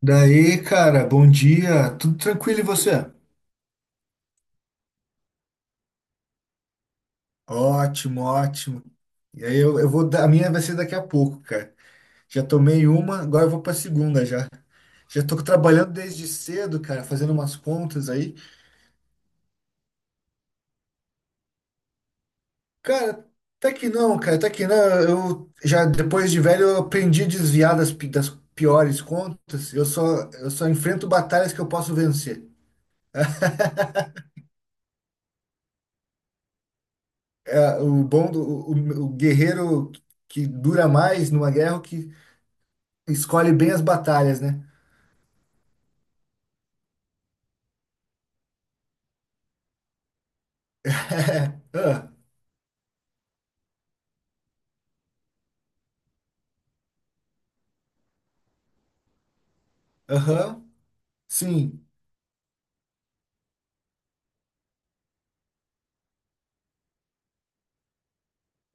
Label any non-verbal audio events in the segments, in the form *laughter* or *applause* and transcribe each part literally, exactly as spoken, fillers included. Daí, cara, bom dia. Tudo tranquilo e você? Ótimo, ótimo. E aí eu, eu vou dar, a minha vai ser daqui a pouco, cara. Já tomei uma, agora eu vou pra segunda já. Já tô trabalhando desde cedo, cara, fazendo umas contas aí. Cara, tá que não, cara, tá que não. Eu já depois de velho eu aprendi a desviar das, pi- das piores contas. Eu só eu só enfrento batalhas que eu posso vencer. *laughs* o bom do o, O guerreiro que dura mais numa guerra é o que escolhe bem as batalhas, né? *laughs* Ah, aham, sim.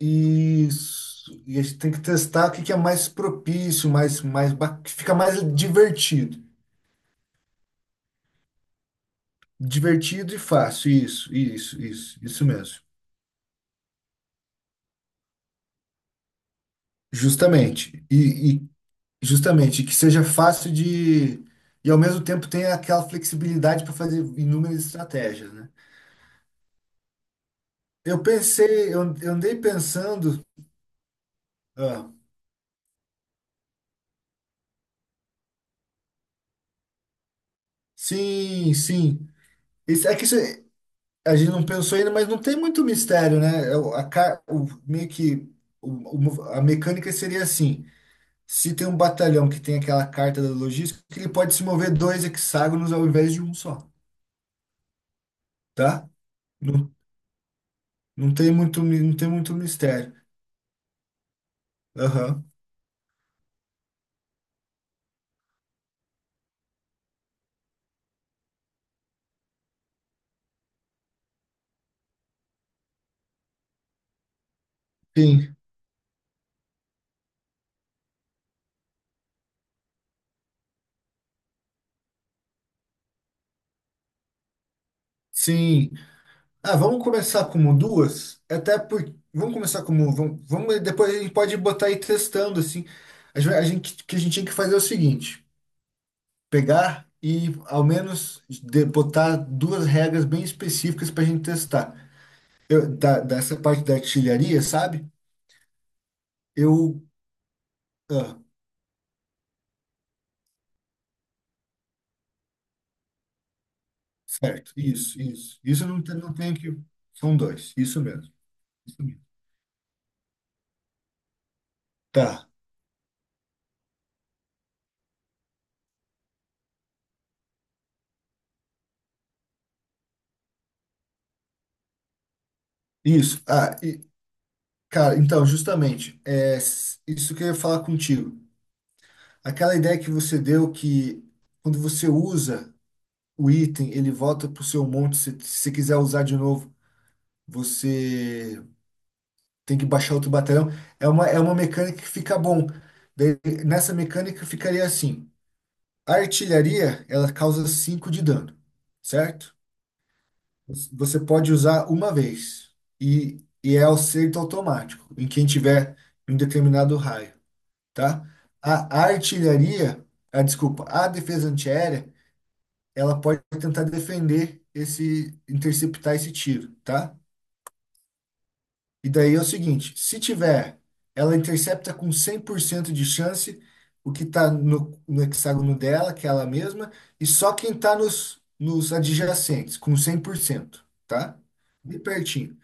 Isso. E a gente tem que testar o que que é mais propício, mais, mais, ba- que fica mais divertido. Divertido e fácil. Isso, isso, isso, isso mesmo. Justamente. E, e justamente que seja fácil de. E ao mesmo tempo tenha aquela flexibilidade para fazer inúmeras estratégias, né? Eu pensei, eu, eu andei pensando. ah, sim, sim. Isso, é que isso. é, A gente não pensou ainda, mas não tem muito mistério, né? É o- A, ca- o, meio que o- o A mecânica seria assim: se tem um batalhão que tem aquela carta da logística, ele pode se mover dois hexágonos ao invés de um só, tá? Não, não tem muito, mi- não tem muito mistério. Aham. Sim, sim. Ah, vamos começar como duas? Até por. Vamos começar como. Vamos, vamos, depois a gente pode botar aí testando, assim. A gente, vai- a gente- O que a gente tinha que fazer é o seguinte. Pegar e ao menos de- botar duas regras bem específicas para a gente testar. Eu- da- dessa parte da artilharia, sabe? Eu. ah, Certo, isso, isso. Isso eu não, te- não tenho que. São dois, isso mesmo. Isso mesmo. Tá, isso. Ah, e, cara, então, justamente, é, s- isso que eu ia falar contigo. Aquela ideia que você deu que quando você usa o item, ele volta pro seu monte. Se se você quiser usar de novo, você tem que baixar outro batalhão. É uma, é uma mecânica que fica bom. Daí, nessa mecânica ficaria assim: a artilharia ela causa cinco de dano, certo? Você pode usar uma vez e, e é acerto automático em quem tiver em um determinado raio, tá? A, a artilharia, a, desculpa, a defesa antiaérea, ela pode tentar defender esse, interceptar esse tiro, tá? E daí é o seguinte, se tiver, ela intercepta com cem por cento de chance o que está no, no hexágono dela, que é ela mesma, e só quem está nos, nos adjacentes, com cem por cento, tá? Bem pertinho.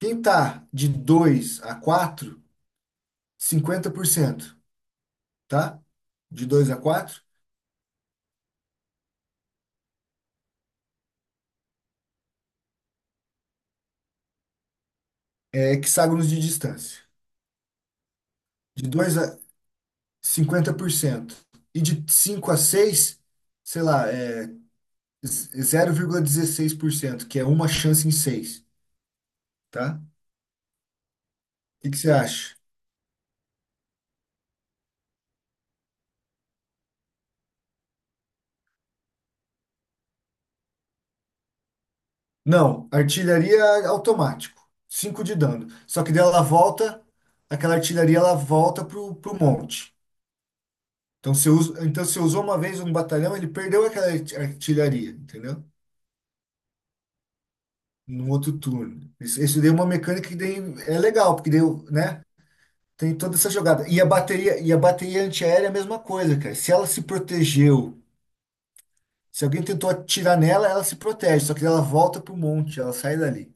Quem está de dois a quatro, cinquenta por cento, tá? De dois a quatro é hexágonos de distância. De dois a cinquenta por cento. E de cinco a seis, sei lá, é zero vírgula dezesseis por cento, que é uma chance em seis, tá? O que que você acha? Não, artilharia automático, cinco de dano. Só que daí ela volta, aquela artilharia ela volta pro, pro monte. Então você usa, então você usou uma vez um batalhão, ele perdeu aquela arti- artilharia, entendeu? No outro turno. Isso, isso daí é uma mecânica que daí é legal, porque daí, né? Tem toda essa jogada. E a bateria, e a bateria antiaérea é a mesma coisa, cara. Se ela se protegeu. Se alguém tentou atirar nela, ela se protege, só que ela volta pro monte, ela sai dali,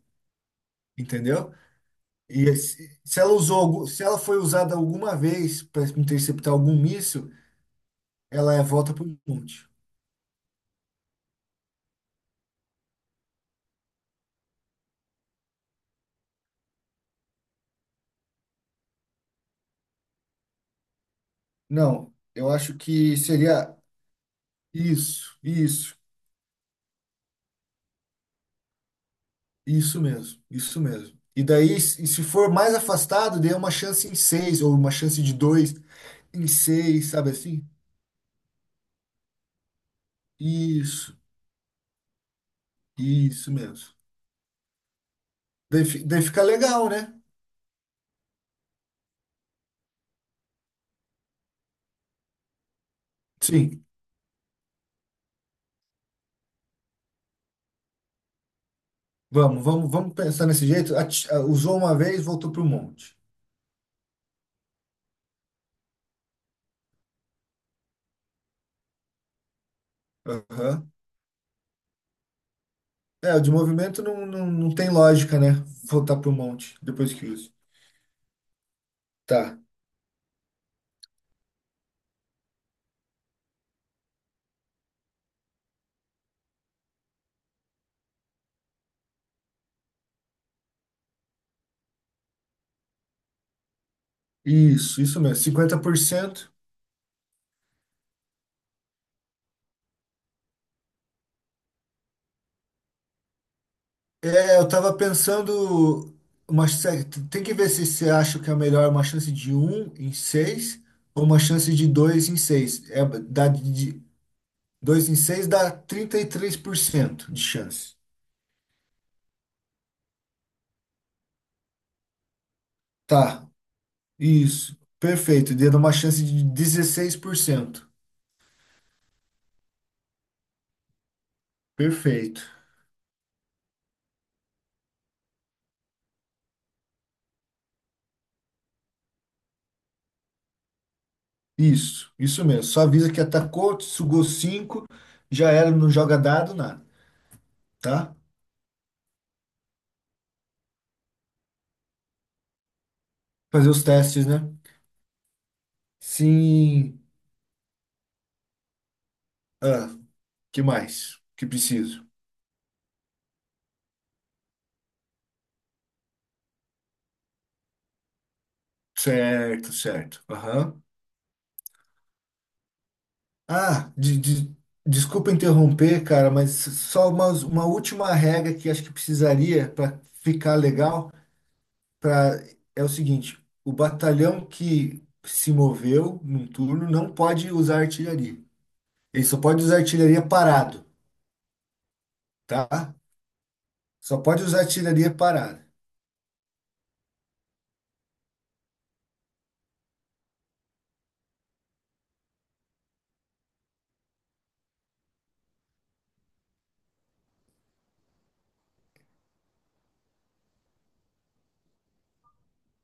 entendeu? E se se ela usou, algu- se ela foi usada alguma vez para interceptar algum míssil, ela é- volta pro monte. Não, eu acho que seria isso, isso, isso mesmo, isso mesmo. E daí, se se for mais afastado, dê uma chance em seis, ou uma chance de dois em seis, sabe assim? Isso, isso mesmo. Daí, fi- daí fica legal, né? Sim. Vamos, vamos, vamos pensar nesse jeito. Ati- ah, Usou uma vez, voltou para o monte. Aham. É, o de movimento não, não, não tem lógica, né? Voltar para o monte depois que usa. Tá. Isso, isso mesmo. Cinquenta por cento. É, eu tava pensando. Uma, sé- Tem que ver se você acha que é melhor uma chance de um em seis ou uma chance de dois em seis. É, dá de, dois em seis dá trinta e três por cento de chance. Tá. Isso, perfeito. Dando uma chance de dezesseis por cento. Perfeito. Isso, isso mesmo. Só avisa que atacou, sugou cinco, já era, não joga dado, nada, tá? Fazer os testes, né? Sim. Ah, que mais? Que preciso? Certo, certo. Aham. Ah, de, de- desculpa interromper, cara, mas só uma, uma última regra que acho que precisaria para ficar legal. pra, É o seguinte, o batalhão que se moveu num turno não pode usar artilharia. Ele só pode usar artilharia parado, tá? Só pode usar artilharia parada.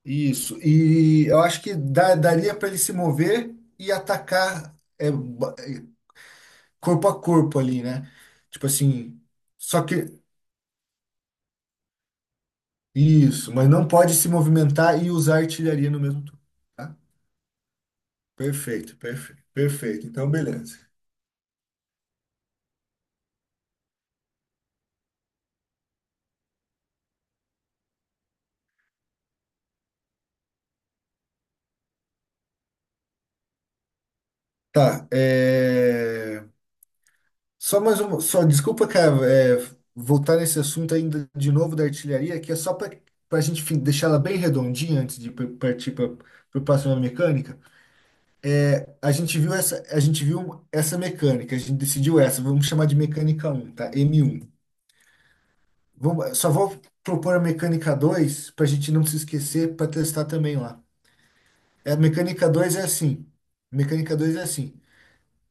Isso. E eu acho que dá- daria para ele se mover e atacar, é, ba- é, corpo a corpo ali, né? Tipo assim, só que isso, mas não pode se movimentar e usar artilharia no mesmo turno, tá? Perfeito, perfeito, perfeito. Então, beleza. Tá, é... Só mais uma, só desculpa, cara, é, voltar nesse assunto ainda de novo da artilharia, que é só para a gente fi- deixar ela bem redondinha antes de par- partir para a próxima mecânica. A gente viu essa, a gente viu essa mecânica, a gente decidiu essa, vamos chamar de mecânica um, tá? M um. Vamos, só vou propor a mecânica dois para a gente não se esquecer para testar também lá. É, a mecânica dois é assim. Mecânica dois é assim.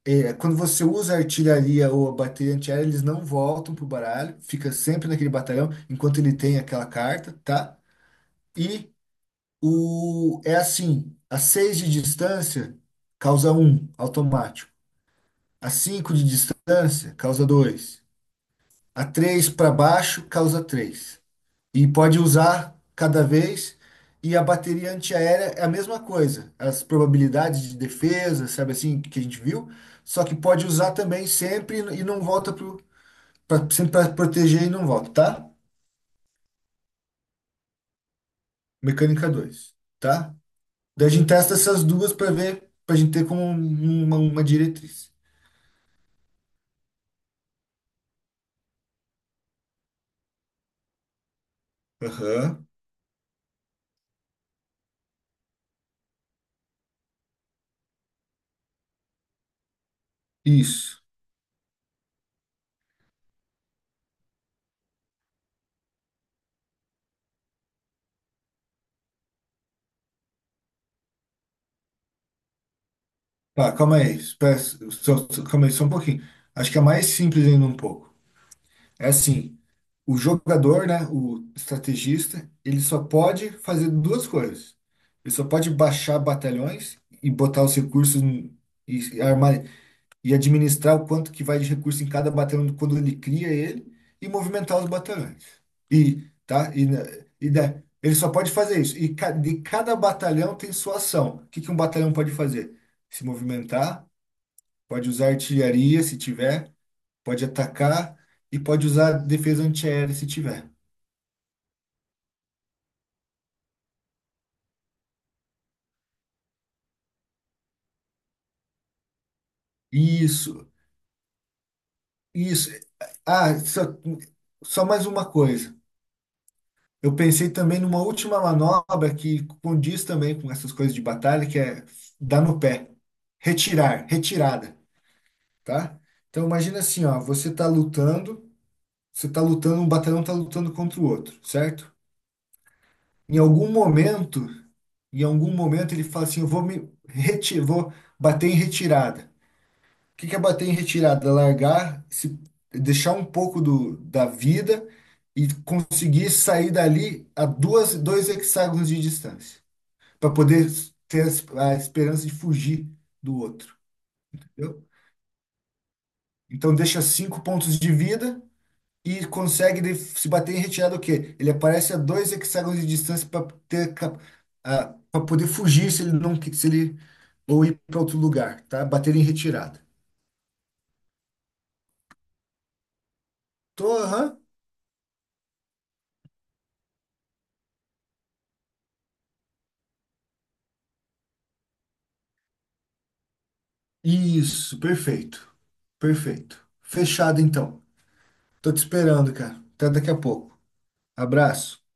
É, Quando você usa a artilharia ou a bateria antiaérea, eles não voltam pro baralho, fica sempre naquele batalhão enquanto ele tem aquela carta, tá? E o é assim, a seis de distância causa um automático. A cinco de distância causa dois. A três para baixo causa três e pode usar cada vez. E a bateria antiaérea é a mesma coisa. As probabilidades de defesa, sabe assim, que a gente viu. Só que pode usar também sempre e não volta pro, pra, sempre para proteger e não volta, tá? Mecânica dois, tá? Daí a gente testa essas duas para ver, para a gente ter como uma, uma diretriz. Aham. Isso. Tá, calma aí. Espera, só- só- calma aí, só um pouquinho. Acho que é mais simples ainda um pouco. É assim. O jogador, né, o estrategista, ele só pode fazer duas coisas. Ele só pode baixar batalhões e botar os recursos em- e armar e administrar o quanto que vai de recurso em cada batalhão quando ele cria ele e movimentar os batalhões. E, tá? E, na- e da, ele só pode fazer isso. E ca- de cada batalhão tem sua ação. O que que um batalhão pode fazer? Se movimentar, pode usar artilharia se tiver, pode atacar e pode usar defesa antiaérea se tiver. Isso, isso. Ah, só, só mais uma coisa. Eu pensei também numa última manobra que condiz também com essas coisas de batalha, que é dar no pé. Retirar, retirada, tá? Então imagina assim, ó, você tá lutando, você tá lutando, um batalhão tá lutando contra o outro, certo? Em algum momento, em algum momento ele fala assim, eu vou me retirar, vou bater em retirada. O que que é bater em retirada? Largar, se deixar um pouco do, da vida e conseguir sair dali a duas, dois hexágonos de distância, para poder ter a es- a esperança de fugir do outro, entendeu? Então deixa cinco pontos de vida e consegue de- se bater em retirada o quê? Ele aparece a dois hexágonos de distância para ter para poder fugir se ele não que- se ele ou ir para outro lugar, tá? Bater em retirada. Tô, aham. Isso, perfeito. Perfeito. Fechado então. Tô te esperando, cara. Até daqui a pouco. Abraço.